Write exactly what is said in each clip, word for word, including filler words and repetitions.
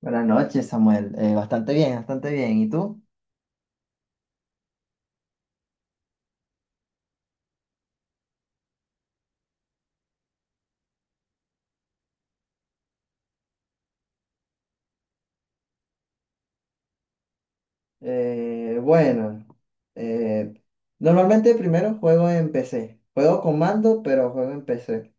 Buenas noches, Samuel. Eh, bastante bien, bastante bien. ¿Y tú? Eh, bueno, eh, normalmente primero juego en P C. Juego con mando, pero juego en P C.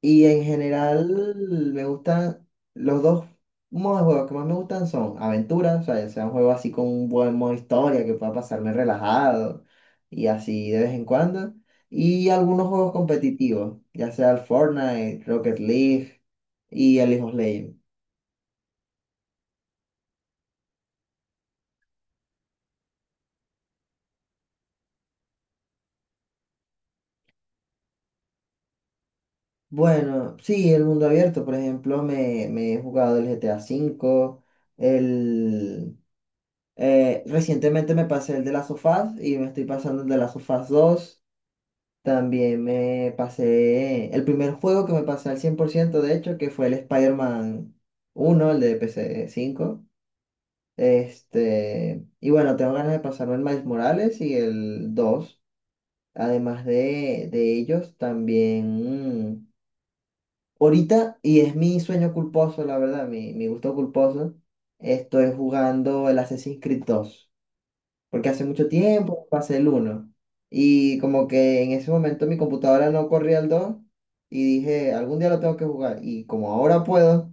Y en general me gustan los dos modos de juego que más me gustan son aventuras, o sea, ya sea un juego así con un buen modo historia que pueda pasarme relajado y así de vez en cuando. Y algunos juegos competitivos, ya sea el Fortnite, Rocket League y el League of Legends. Bueno, sí, el mundo abierto, por ejemplo, me, me he jugado el G T A V, el, eh, recientemente me pasé el de las sofás y me estoy pasando el de las sofás dos. También me pasé el primer juego que me pasé al cien por ciento de hecho, que fue el Spider-Man uno, el de pc cinco. Este, y bueno, tengo ganas de pasarme el Miles Morales y el dos. Además de, de ellos, también... Ahorita, y es mi sueño culposo, la verdad, mi, mi gusto culposo, estoy jugando el Assassin's Creed dos porque hace mucho tiempo pasé el uno y como que en ese momento mi computadora no corría el dos y dije, algún día lo tengo que jugar, y como ahora puedo,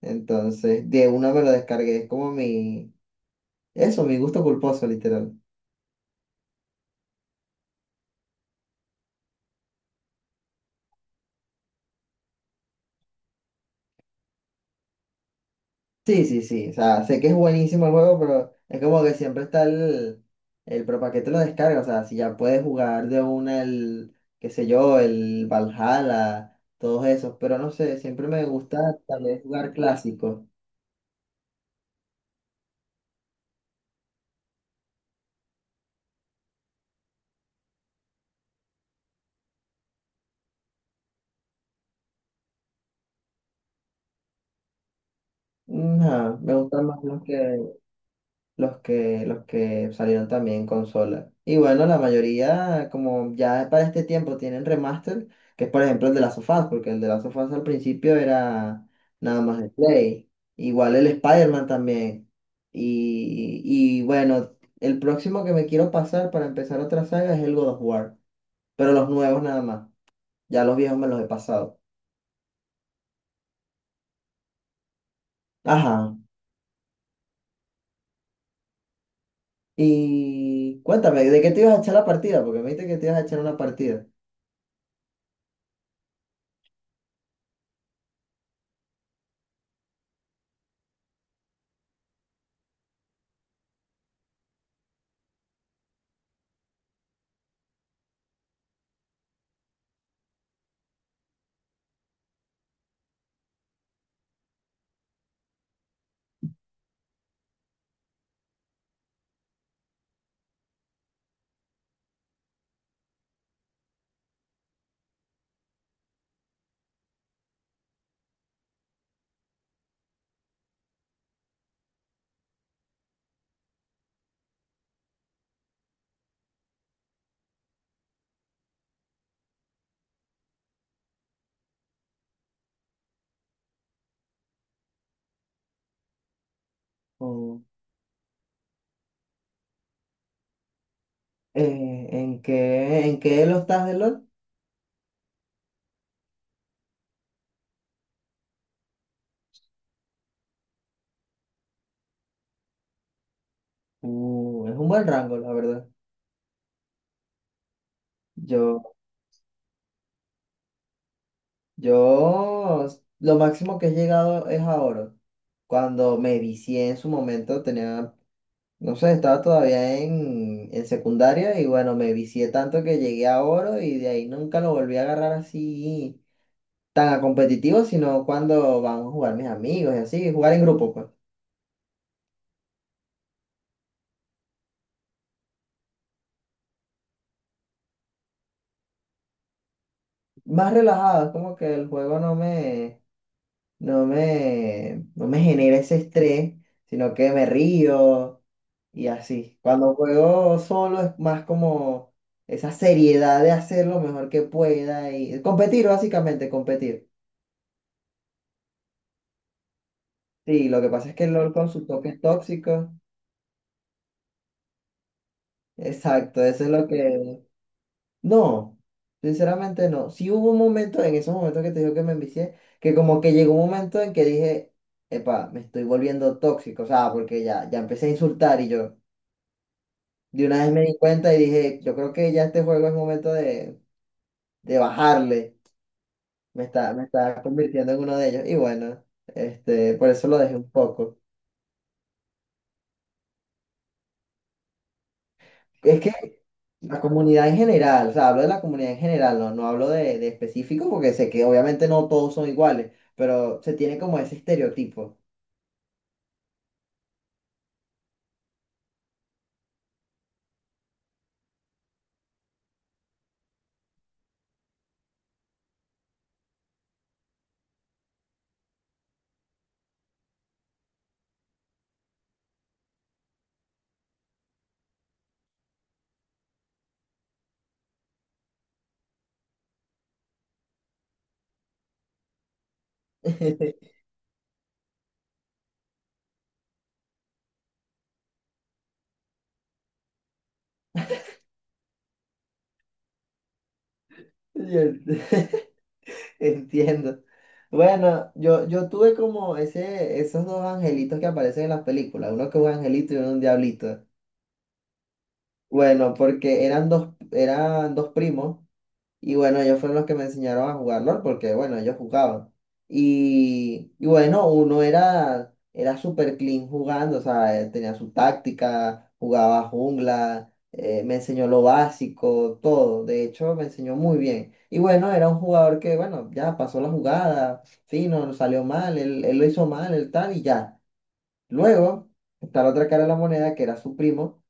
entonces de una me lo descargué, es como mi, eso, mi gusto culposo, literal. Sí, sí, sí. O sea, sé que es buenísimo el juego, pero es como que siempre está el, el pero ¿para qué te lo descargas? O sea, si ya puedes jugar de una el, qué sé yo, el Valhalla, todos esos, pero no sé, siempre me gusta tal vez jugar clásicos. Ajá, me gustan más los que los que, los que salieron también en consola. Y bueno, la mayoría, como ya para este tiempo tienen remaster, que es por ejemplo el de Last of Us, porque el de Last of Us al principio era nada más de Play. Igual el Spider-Man también. Y, y bueno, el próximo que me quiero pasar para empezar otra saga es el God of War, pero los nuevos nada más. Ya los viejos me los he pasado. Ajá. Y cuéntame, ¿de qué te ibas a echar la partida? Porque me dijiste que te ibas a echar una partida. Eh, ¿en qué, en qué elo estás de LOL? Uh, es un buen rango, la verdad. Yo, yo, s- lo máximo que he llegado es a oro. Cuando me vicié en su momento, tenía, no sé, estaba todavía en, en secundaria y bueno, me vicié tanto que llegué a oro y de ahí nunca lo volví a agarrar así tan a competitivo, sino cuando vamos a jugar mis amigos y así, jugar en grupo, pues. Más relajado, es como que el juego no me no me, no me genera ese estrés, sino que me río y así. Cuando juego solo es más como esa seriedad de hacer lo mejor que pueda y competir, básicamente, competir. Sí, lo que pasa es que el LOL con su toque tóxico, exacto, eso es lo que... No, sinceramente no. Sí hubo un momento, en esos momentos que te digo que me envicié, que como que llegó un momento en que dije, epa, me estoy volviendo tóxico, o sea, porque ya, ya empecé a insultar y yo... De una vez me di cuenta y dije, yo creo que ya este juego es momento de, de bajarle. Me está, me está convirtiendo en uno de ellos. Y bueno, este, por eso lo dejé un poco. Es que la comunidad en general, o sea, hablo de la comunidad en general, no, no hablo de, de específico porque sé que obviamente no todos son iguales, pero se tiene como ese estereotipo. Y el- Entiendo. Bueno, yo, yo tuve como ese, esos dos angelitos que aparecen en las películas, uno que es un angelito y uno un diablito. Bueno, porque eran dos, eran dos primos y bueno, ellos fueron los que me enseñaron a jugar LOL porque bueno, ellos jugaban. Y, y bueno, uno era, era súper clean jugando, o sea, él tenía su táctica, jugaba jungla, eh, me enseñó lo básico, todo. De hecho, me enseñó muy bien. Y bueno, era un jugador que, bueno, ya pasó la jugada, fino, no salió mal, él, él lo hizo mal, el tal y ya. Luego está la otra cara de la moneda que era su primo.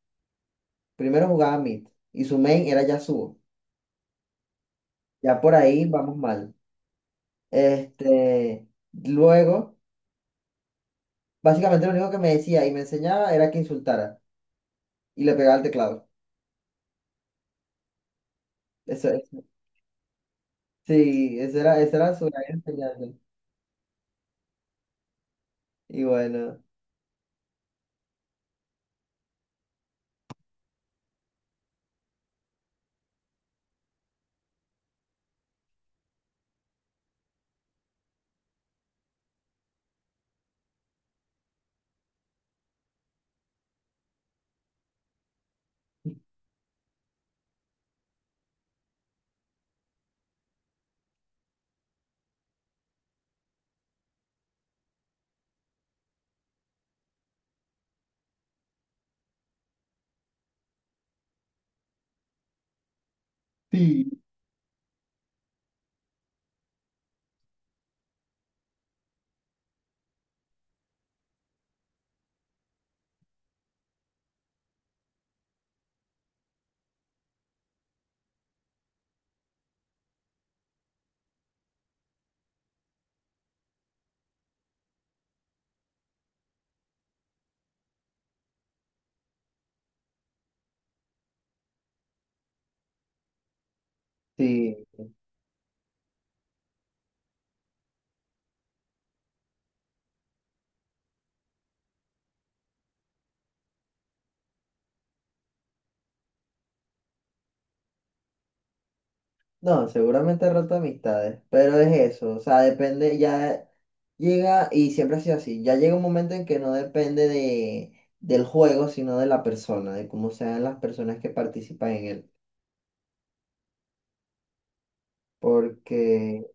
Primero jugaba mid y su main era Yasuo. Ya por ahí vamos mal. Este, Luego, básicamente lo único que me decía y me enseñaba era que insultara y le pegaba al teclado. Eso, eso. Sí, esa era, esa era su gran enseñanza. Y bueno, sí, sí. No, seguramente he roto amistades, pero es eso. O sea, depende, ya llega y siempre ha sido así. Ya llega un momento en que no depende de, del juego, sino de la persona, de cómo sean las personas que participan en él. Porque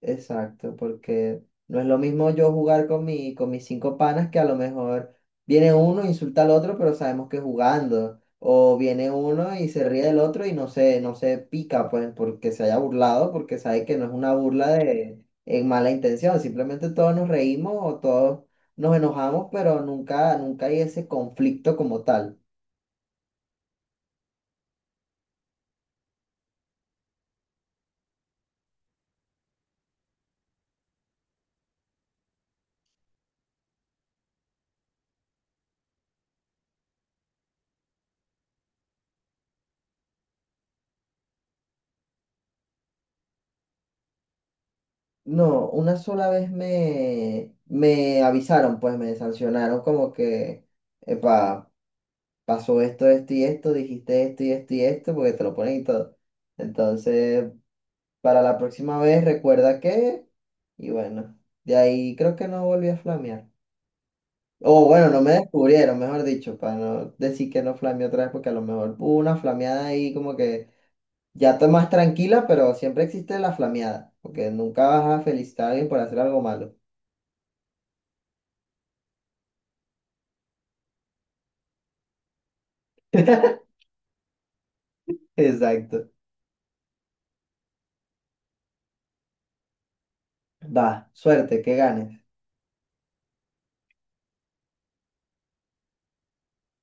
Exacto, porque no es lo mismo yo jugar con mi, con mis cinco panas que a lo mejor viene uno, insulta al otro, pero sabemos que es jugando. O viene uno y se ríe del otro y no se, no se pica, pues, porque se haya burlado, porque sabe que no es una burla de en mala intención. Simplemente todos nos reímos o todos nos enojamos, pero nunca, nunca hay ese conflicto como tal. No, una sola vez me, me avisaron, pues me sancionaron como que, pasó esto, esto y esto, dijiste esto y esto y esto, porque te lo ponen y todo. Entonces, para la próxima vez, recuerda que, y bueno, de ahí creo que no volví a flamear. O bueno, no me descubrieron, mejor dicho, para no decir que no flameé otra vez, porque a lo mejor hubo una flameada ahí como que ya está más tranquila, pero siempre existe la flameada, porque nunca vas a felicitar a alguien por hacer algo malo. Exacto. Va, suerte, que ganes.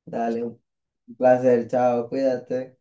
Dale, un placer, chao, cuídate.